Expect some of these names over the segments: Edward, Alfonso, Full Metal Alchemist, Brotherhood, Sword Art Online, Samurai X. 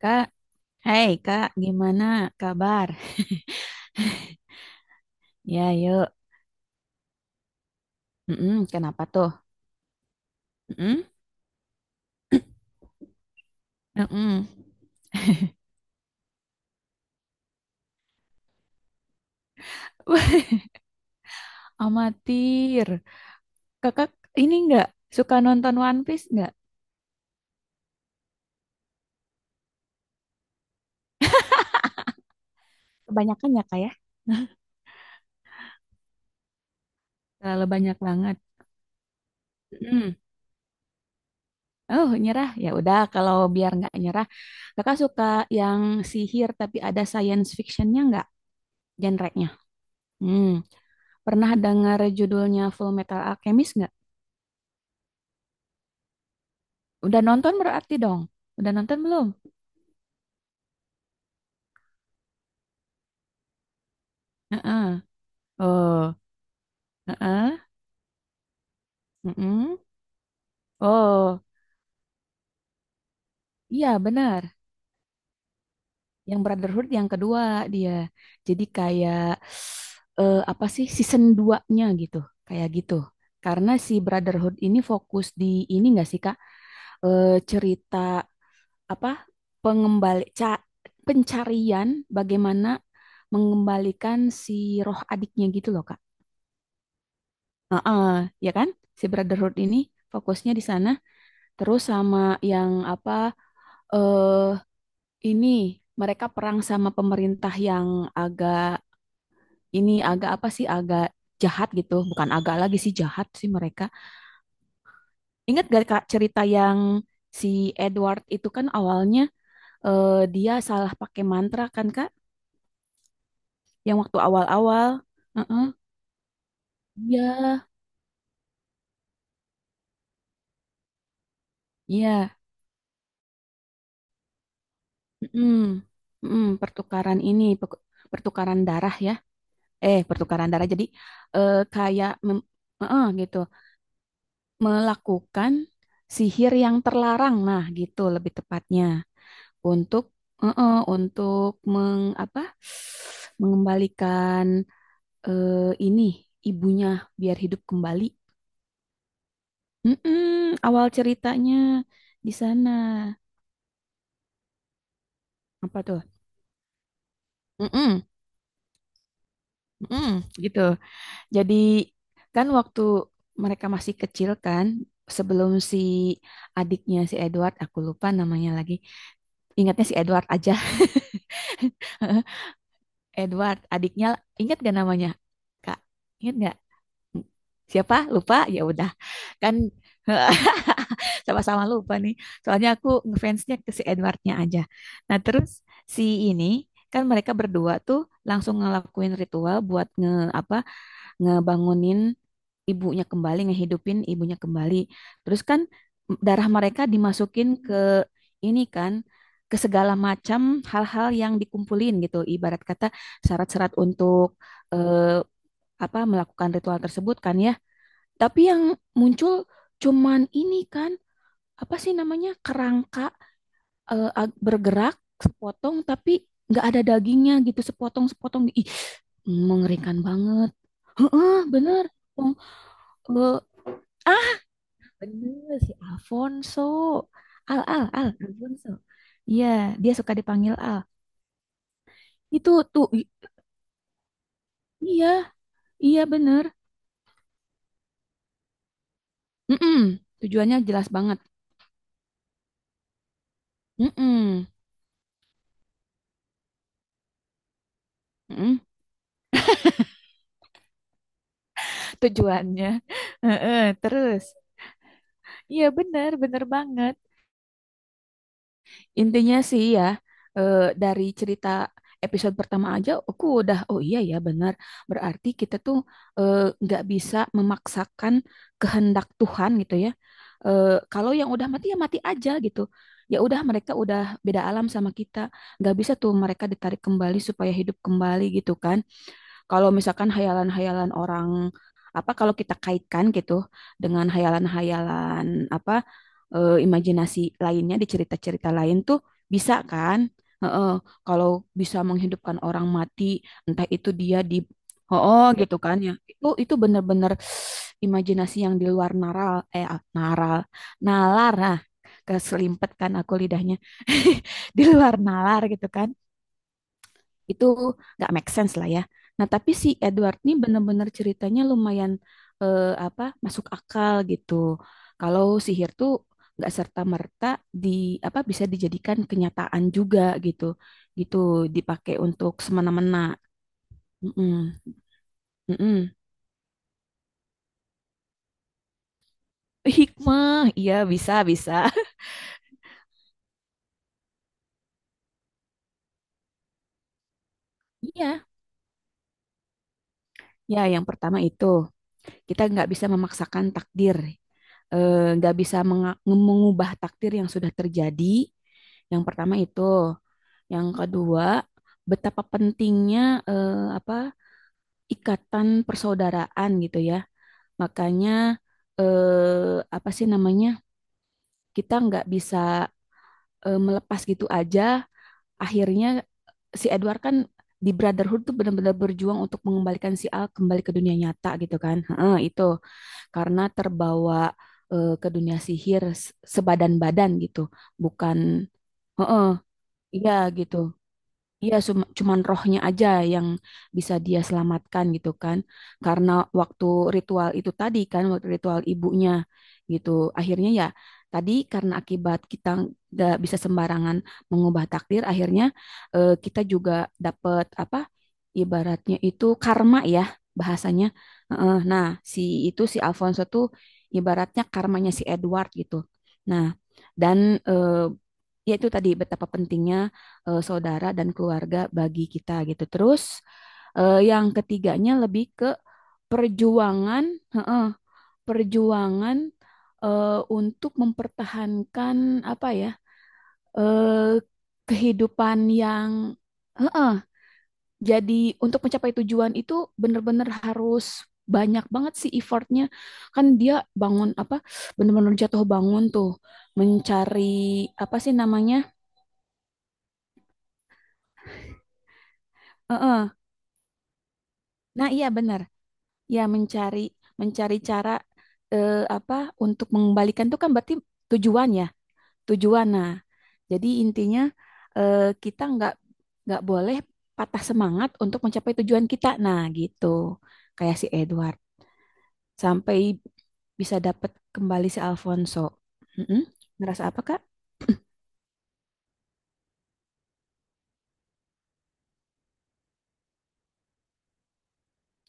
Kak, hai Kak, gimana kabar? Ya, yuk. Mm-mm, kenapa tuh? Mm-mm, mm-mm. Amatir. Kakak ini nggak suka nonton One Piece nggak? Kebanyakan ya Kak ya? Terlalu banyak banget. Mm. Oh, nyerah. Ya udah, kalau biar nggak nyerah. Kakak suka yang sihir tapi ada science fictionnya nggak? Genre-nya. Hmm. Pernah dengar judulnya Full Metal Alchemist nggak? Udah nonton berarti dong? Udah nonton belum? Heeh. Oh, heeh, mm-mm. Oh, iya benar. Yang Brotherhood yang kedua dia. Jadi kayak apa sih season duanya gitu. Kayak gitu. Karena si Brotherhood ini fokus di ini enggak sih Kak? Cerita apa? Pengembali ca- pencarian bagaimana mengembalikan si roh adiknya gitu loh Kak. Heeh, ya kan? Si Brotherhood ini fokusnya di sana terus sama yang apa? eh Ini mereka perang sama pemerintah yang agak ini agak apa sih agak jahat gitu, bukan agak lagi sih jahat sih mereka. Ingat gak Kak cerita yang si Edward itu kan awalnya dia salah pakai mantra kan Kak, yang waktu awal-awal. Heeh, iya, iya. Mm-mm. Mm-mm, pertukaran darah ya. Pertukaran darah jadi eh, kayak mem- heeh, gitu. Melakukan sihir yang terlarang. Nah, gitu lebih tepatnya untuk untuk meng apa mengembalikan ini ibunya biar hidup kembali. Mm-mm, awal ceritanya di sana apa tuh? Mm-mm, mm-mm, gitu. Jadi kan waktu mereka masih kecil kan sebelum si adiknya si Edward aku lupa namanya lagi. Ingatnya si Edward aja. Edward, adiknya ingat gak namanya? Kak, ingat gak? Siapa? Lupa? Ya udah. Kan sama-sama lupa nih. Soalnya aku ngefansnya ke si Edwardnya aja. Nah, terus si ini kan mereka berdua tuh langsung ngelakuin ritual buat nge apa ngebangunin ibunya kembali ngehidupin ibunya kembali terus kan darah mereka dimasukin ke ini kan ke segala macam hal-hal yang dikumpulin gitu ibarat kata syarat-syarat untuk eh, apa melakukan ritual tersebut kan ya tapi yang muncul cuman ini kan apa sih namanya kerangka bergerak sepotong tapi nggak ada dagingnya gitu sepotong-sepotong. Ih, mengerikan banget. Heeh, bener. Pong- eh, Bener si Alfonso. Al Al Al Alfonso. Iya, dia suka dipanggil Al. Itu tuh i- iya, iya bener. Mm-mm. Tujuannya jelas banget. Mm-mm. Mm-mm. Tujuannya. Heeh, terus. Iya bener, bener banget. Intinya sih ya, eh, dari cerita episode pertama aja, aku udah, oh iya ya benar. Berarti kita tuh eh, nggak bisa memaksakan kehendak Tuhan gitu ya. Eh, kalau yang udah mati ya mati aja gitu. Ya udah mereka udah beda alam sama kita. Nggak bisa tuh mereka ditarik kembali supaya hidup kembali gitu kan. Kalau misalkan hayalan-hayalan orang apa kalau kita kaitkan gitu dengan hayalan-hayalan apa imajinasi lainnya di cerita-cerita lain tuh bisa kan? Heeh, kalau bisa menghidupkan orang mati, entah itu dia di oh oh, gitu kan ya. Itu benar-benar imajinasi yang di luar naral eh ah, naral nalar, ah keselimpet kan aku lidahnya, di luar nalar gitu kan itu nggak make sense lah ya. Nah, tapi si Edward ini bener-bener ceritanya lumayan apa masuk akal gitu. Kalau sihir tuh nggak serta-merta di apa bisa dijadikan kenyataan juga gitu. Gitu dipakai untuk semena-mena. Mm-mm, mm-mm. Hikmah, iya bisa bisa. Iya, ya yang pertama itu. Kita nggak bisa memaksakan takdir, nggak bisa mengubah takdir yang sudah terjadi. Yang pertama itu, yang kedua betapa pentingnya apa ikatan persaudaraan gitu ya. Makanya apa sih namanya kita nggak bisa melepas gitu aja. Akhirnya si Edward kan di Brotherhood tuh benar-benar berjuang untuk mengembalikan si Al kembali ke dunia nyata gitu kan. Heeh, itu. Karena terbawa ke dunia sihir sebadan-badan gitu, bukan heeh, iya gitu. Iya, cuman rohnya aja yang bisa dia selamatkan gitu kan. Karena waktu ritual itu tadi kan, waktu ritual ibunya gitu. Akhirnya ya tadi karena akibat kita nggak bisa sembarangan mengubah takdir, akhirnya kita juga dapat apa? Ibaratnya itu karma ya bahasanya. Heeh, nah, si itu si Alfonso tuh ibaratnya karmanya si Edward gitu. Nah, dan eh, yaitu tadi betapa pentingnya saudara dan keluarga bagi kita gitu. Terus yang ketiganya lebih ke perjuangan, heeh, perjuangan untuk mempertahankan apa ya eh, kehidupan yang heeh, jadi untuk mencapai tujuan itu benar-benar harus banyak banget sih effortnya. Kan dia bangun apa benar-benar jatuh bangun tuh mencari apa sih namanya? Uh-uh. Nah, iya benar. Ya, mencari mencari cara apa untuk mengembalikan itu kan berarti tujuan ya, tujuan. Nah, jadi intinya kita nggak boleh patah semangat untuk mencapai tujuan kita. Nah, gitu. Kayak si Edward sampai bisa dapat kembali si Alfonso. Mm-mm. Ngerasa apa, Kak?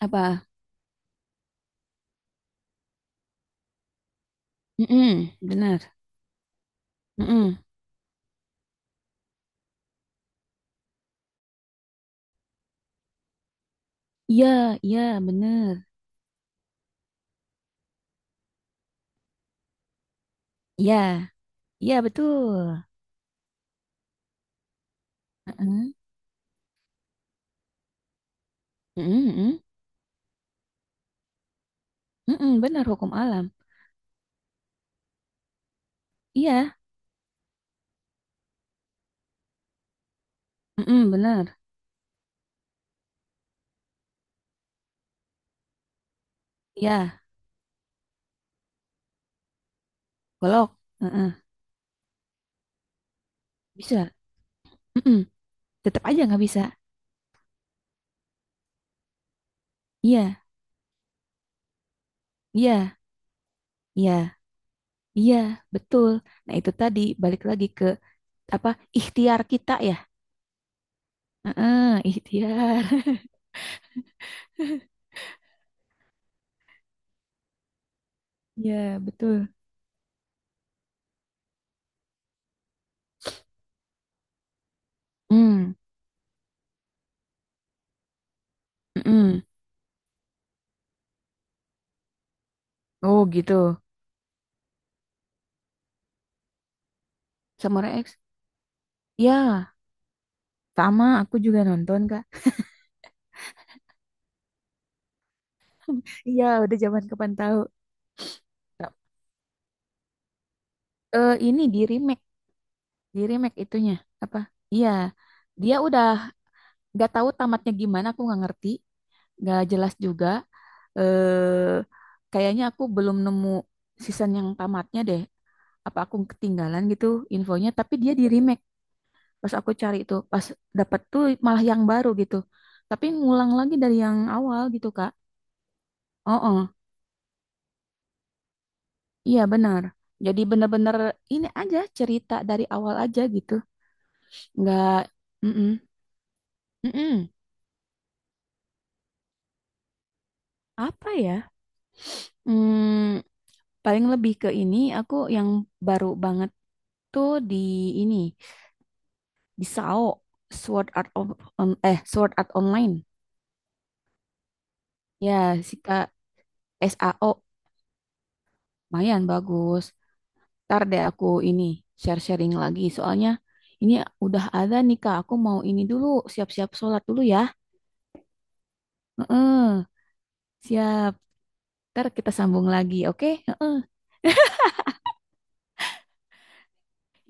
Apa? Mm-mm, benar. Mm-mm. Iya, iya, benar. Iya, iya betul. Mm-mm. Mm-mm, mm-mm. Mm-mm, benar hukum alam. Iya, mm bener. Iya, golok. Mm-mm, bisa. Mm-mm, tetap aja nggak bisa. Iya, iya, iya, iya, betul. Nah itu tadi balik lagi ke apa ikhtiar kita ya. Mm-mm, ikhtiar. Iya, betul. Mm, mm-mm. Oh gitu. Samurai X. Ya, sama. Aku juga nonton kak. Iya, udah zaman kapan tahu. Eh ini di remake itunya apa? Iya, dia udah nggak tahu tamatnya gimana. Aku nggak ngerti. Nggak jelas juga. Eh, kayaknya aku belum nemu season yang tamatnya deh. Apa aku ketinggalan gitu infonya? Tapi dia di remake. Pas aku cari itu, pas dapat tuh malah yang baru gitu. Tapi ngulang lagi dari yang awal gitu Kak. Oh, oh. Iya benar. Jadi bener-bener ini aja cerita dari awal aja gitu. Nggak, mm-mm, mm-mm. Apa ya? Hmm, paling lebih ke ini aku yang baru banget tuh di ini. Bisao, Sword Art of, on- eh Sword Art Online. Ya, si Kak SAO lumayan bagus. Ntar deh aku ini share-sharing lagi soalnya ini udah ada nih Kak. Aku mau ini dulu siap-siap sholat dulu ya. Heeh, siap. Ntar kita sambung lagi, oke? Heeh.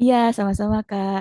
Iya, sama-sama Kak.